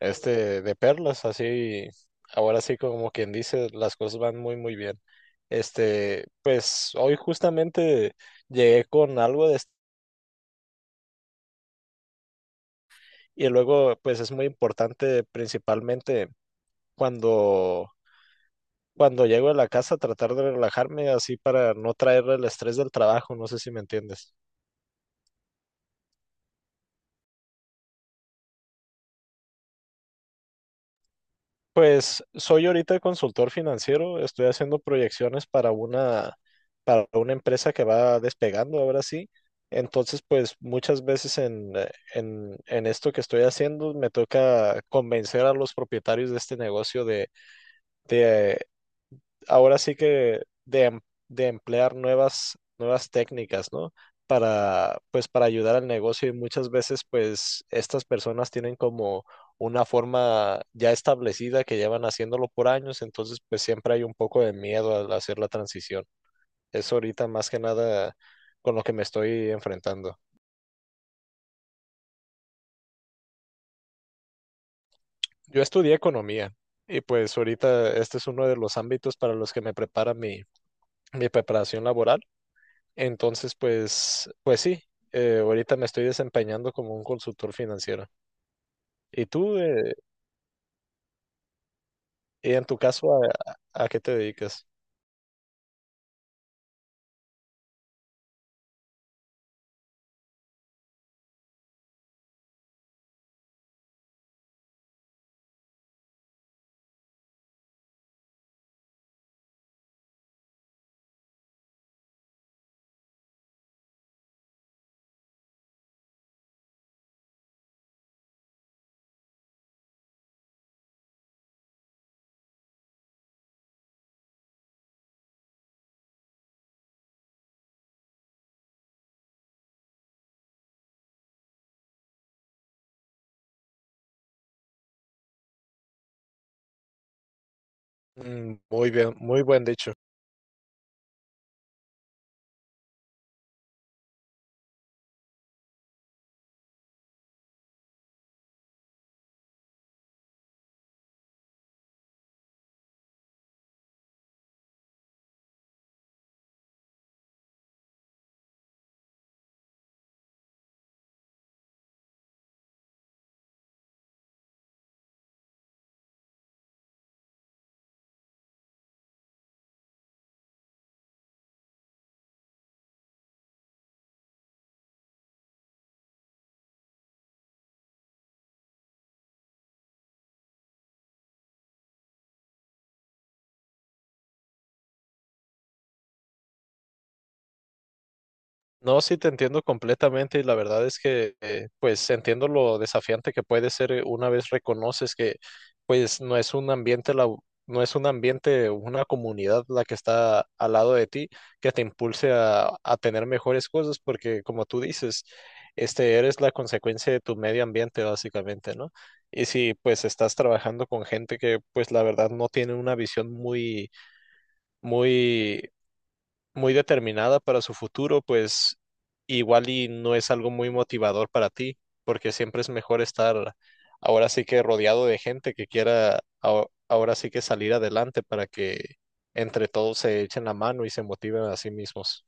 De perlas, así, ahora sí como quien dice, las cosas van muy, muy bien. Pues hoy justamente llegué con algo de y luego pues es muy importante principalmente cuando cuando llego a la casa tratar de relajarme así para no traer el estrés del trabajo, no sé si me entiendes. Pues soy ahorita consultor financiero, estoy haciendo proyecciones para para una empresa que va despegando ahora sí. Entonces, pues muchas veces en esto que estoy haciendo me toca convencer a los propietarios de este negocio de, ahora sí que de emplear nuevas técnicas, ¿no? Para, pues, para ayudar al negocio y muchas veces, pues, estas personas tienen como una forma ya establecida que llevan haciéndolo por años, entonces, pues, siempre hay un poco de miedo al hacer la transición. Eso ahorita más que nada con lo que me estoy enfrentando. Yo estudié economía y pues ahorita este es uno de los ámbitos para los que me prepara mi preparación laboral. Entonces, pues, pues sí, ahorita me estoy desempeñando como un consultor financiero. ¿Y tú, y en tu caso, qué te dedicas? Mm, muy bien, muy buen dicho. No, sí, te entiendo completamente y la verdad es que pues entiendo lo desafiante que puede ser una vez reconoces que pues no es un no es un ambiente, una comunidad la que está al lado de ti que te impulse a tener mejores cosas porque como tú dices, este eres la consecuencia de tu medio ambiente básicamente, ¿no? Y si pues estás trabajando con gente que pues la verdad no tiene una visión muy, muy muy determinada para su futuro, pues igual y no es algo muy motivador para ti, porque siempre es mejor estar ahora sí que rodeado de gente que quiera ahora sí que salir adelante para que entre todos se echen la mano y se motiven a sí mismos.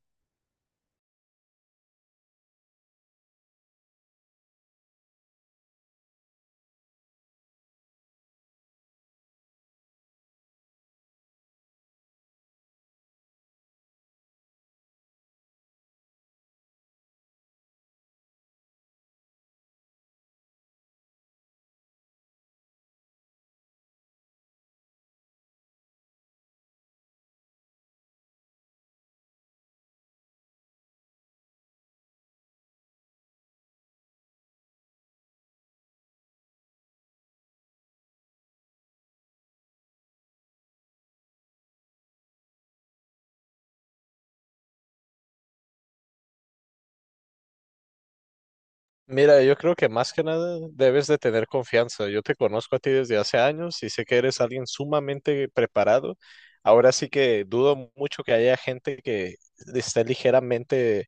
Mira, yo creo que más que nada debes de tener confianza. Yo te conozco a ti desde hace años y sé que eres alguien sumamente preparado. Ahora sí que dudo mucho que haya gente que esté ligeramente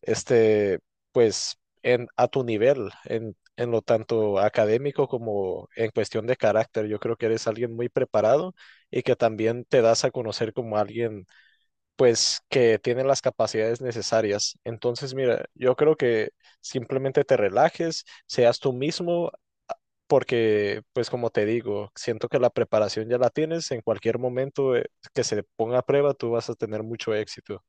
este, pues a tu nivel, en lo tanto académico como en cuestión de carácter. Yo creo que eres alguien muy preparado y que también te das a conocer como alguien, pues, que tiene las capacidades necesarias. Entonces, mira, yo creo que simplemente te relajes, seas tú mismo. Porque, pues como te digo, siento que la preparación ya la tienes, en cualquier momento que se ponga a prueba, tú vas a tener mucho éxito.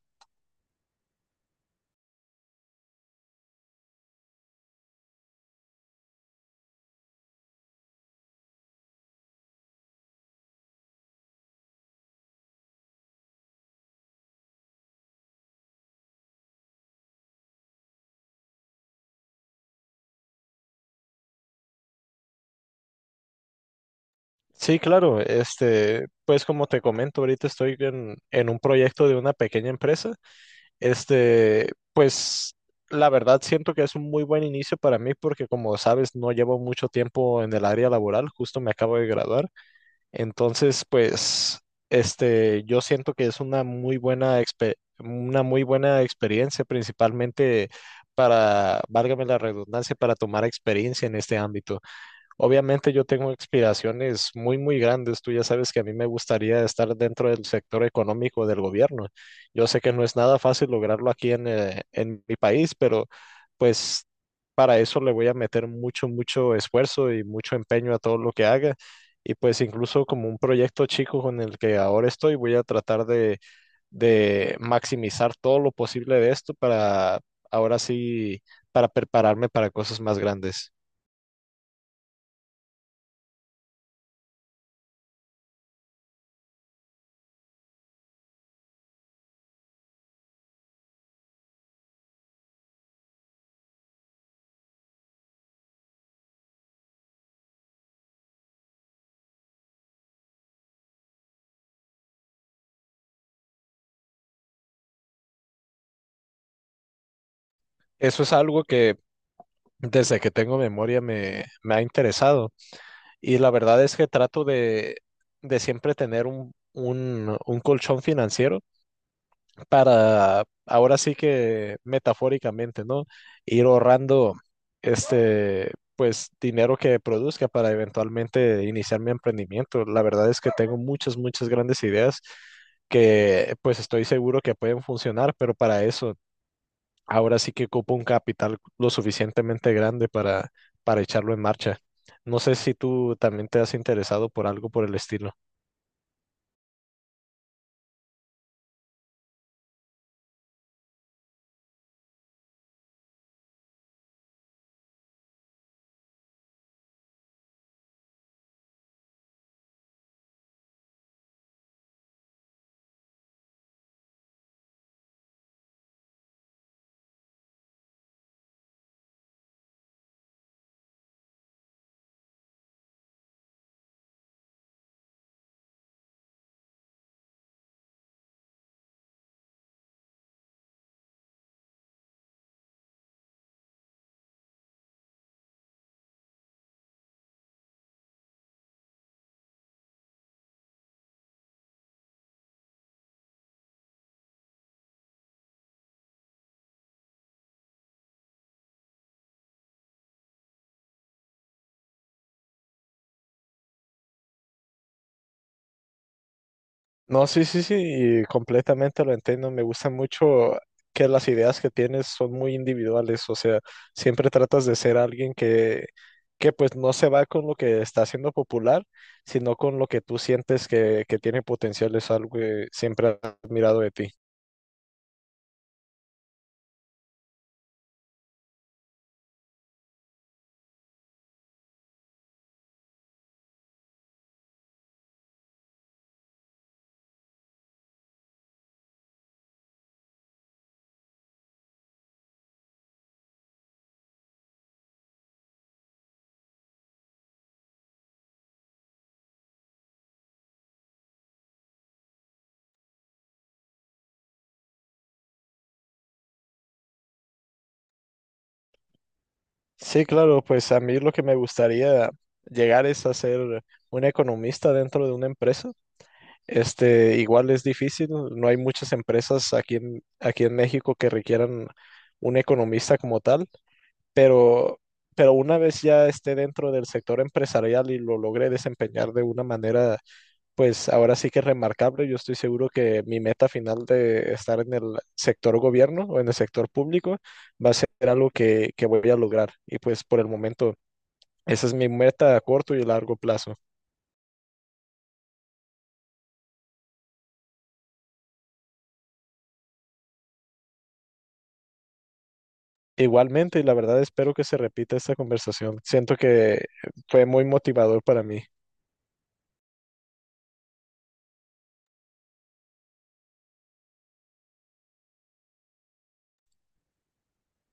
Sí, claro. Pues como te comento, ahorita estoy en un proyecto de una pequeña empresa. Pues la verdad siento que es un muy buen inicio para mí porque como sabes, no llevo mucho tiempo en el área laboral, justo me acabo de graduar. Entonces, pues, yo siento que es una muy buena una muy buena experiencia, principalmente para, válgame la redundancia, para tomar experiencia en este ámbito. Obviamente yo tengo aspiraciones muy, muy grandes. Tú ya sabes que a mí me gustaría estar dentro del sector económico del gobierno. Yo sé que no es nada fácil lograrlo aquí en mi país, pero pues para eso le voy a meter mucho, mucho esfuerzo y mucho empeño a todo lo que haga. Y pues incluso como un proyecto chico con el que ahora estoy, voy a tratar de maximizar todo lo posible de esto para ahora sí, para prepararme para cosas más grandes. Eso es algo que desde que tengo memoria me ha interesado. Y la verdad es que trato de siempre tener un colchón financiero para, ahora sí que metafóricamente, ¿no? Ir ahorrando pues, dinero que produzca para eventualmente iniciar mi emprendimiento. La verdad es que tengo muchas, muchas grandes ideas que pues estoy seguro que pueden funcionar, pero para eso ahora sí que ocupa un capital lo suficientemente grande para echarlo en marcha. No sé si tú también te has interesado por algo por el estilo. No, sí, sí, sí, y completamente lo entiendo. Me gusta mucho que las ideas que tienes son muy individuales, o sea, siempre tratas de ser alguien que pues no se va con lo que está haciendo popular, sino con lo que tú sientes que tiene potencial. Es algo que siempre he admirado de ti. Sí, claro, pues a mí lo que me gustaría llegar es a ser un economista dentro de una empresa. Igual es difícil, no hay muchas empresas aquí en México que requieran un economista como tal, pero, pero una vez ya esté dentro del sector empresarial y lo logre desempeñar de una manera, pues ahora sí que remarcable, yo estoy seguro que mi meta final de estar en el sector gobierno o en el sector público va a ser algo que voy a lograr. Y pues por el momento esa es mi meta a corto y largo plazo. Igualmente, y la verdad espero que se repita esta conversación. Siento que fue muy motivador para mí.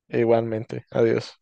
Igualmente. Adiós.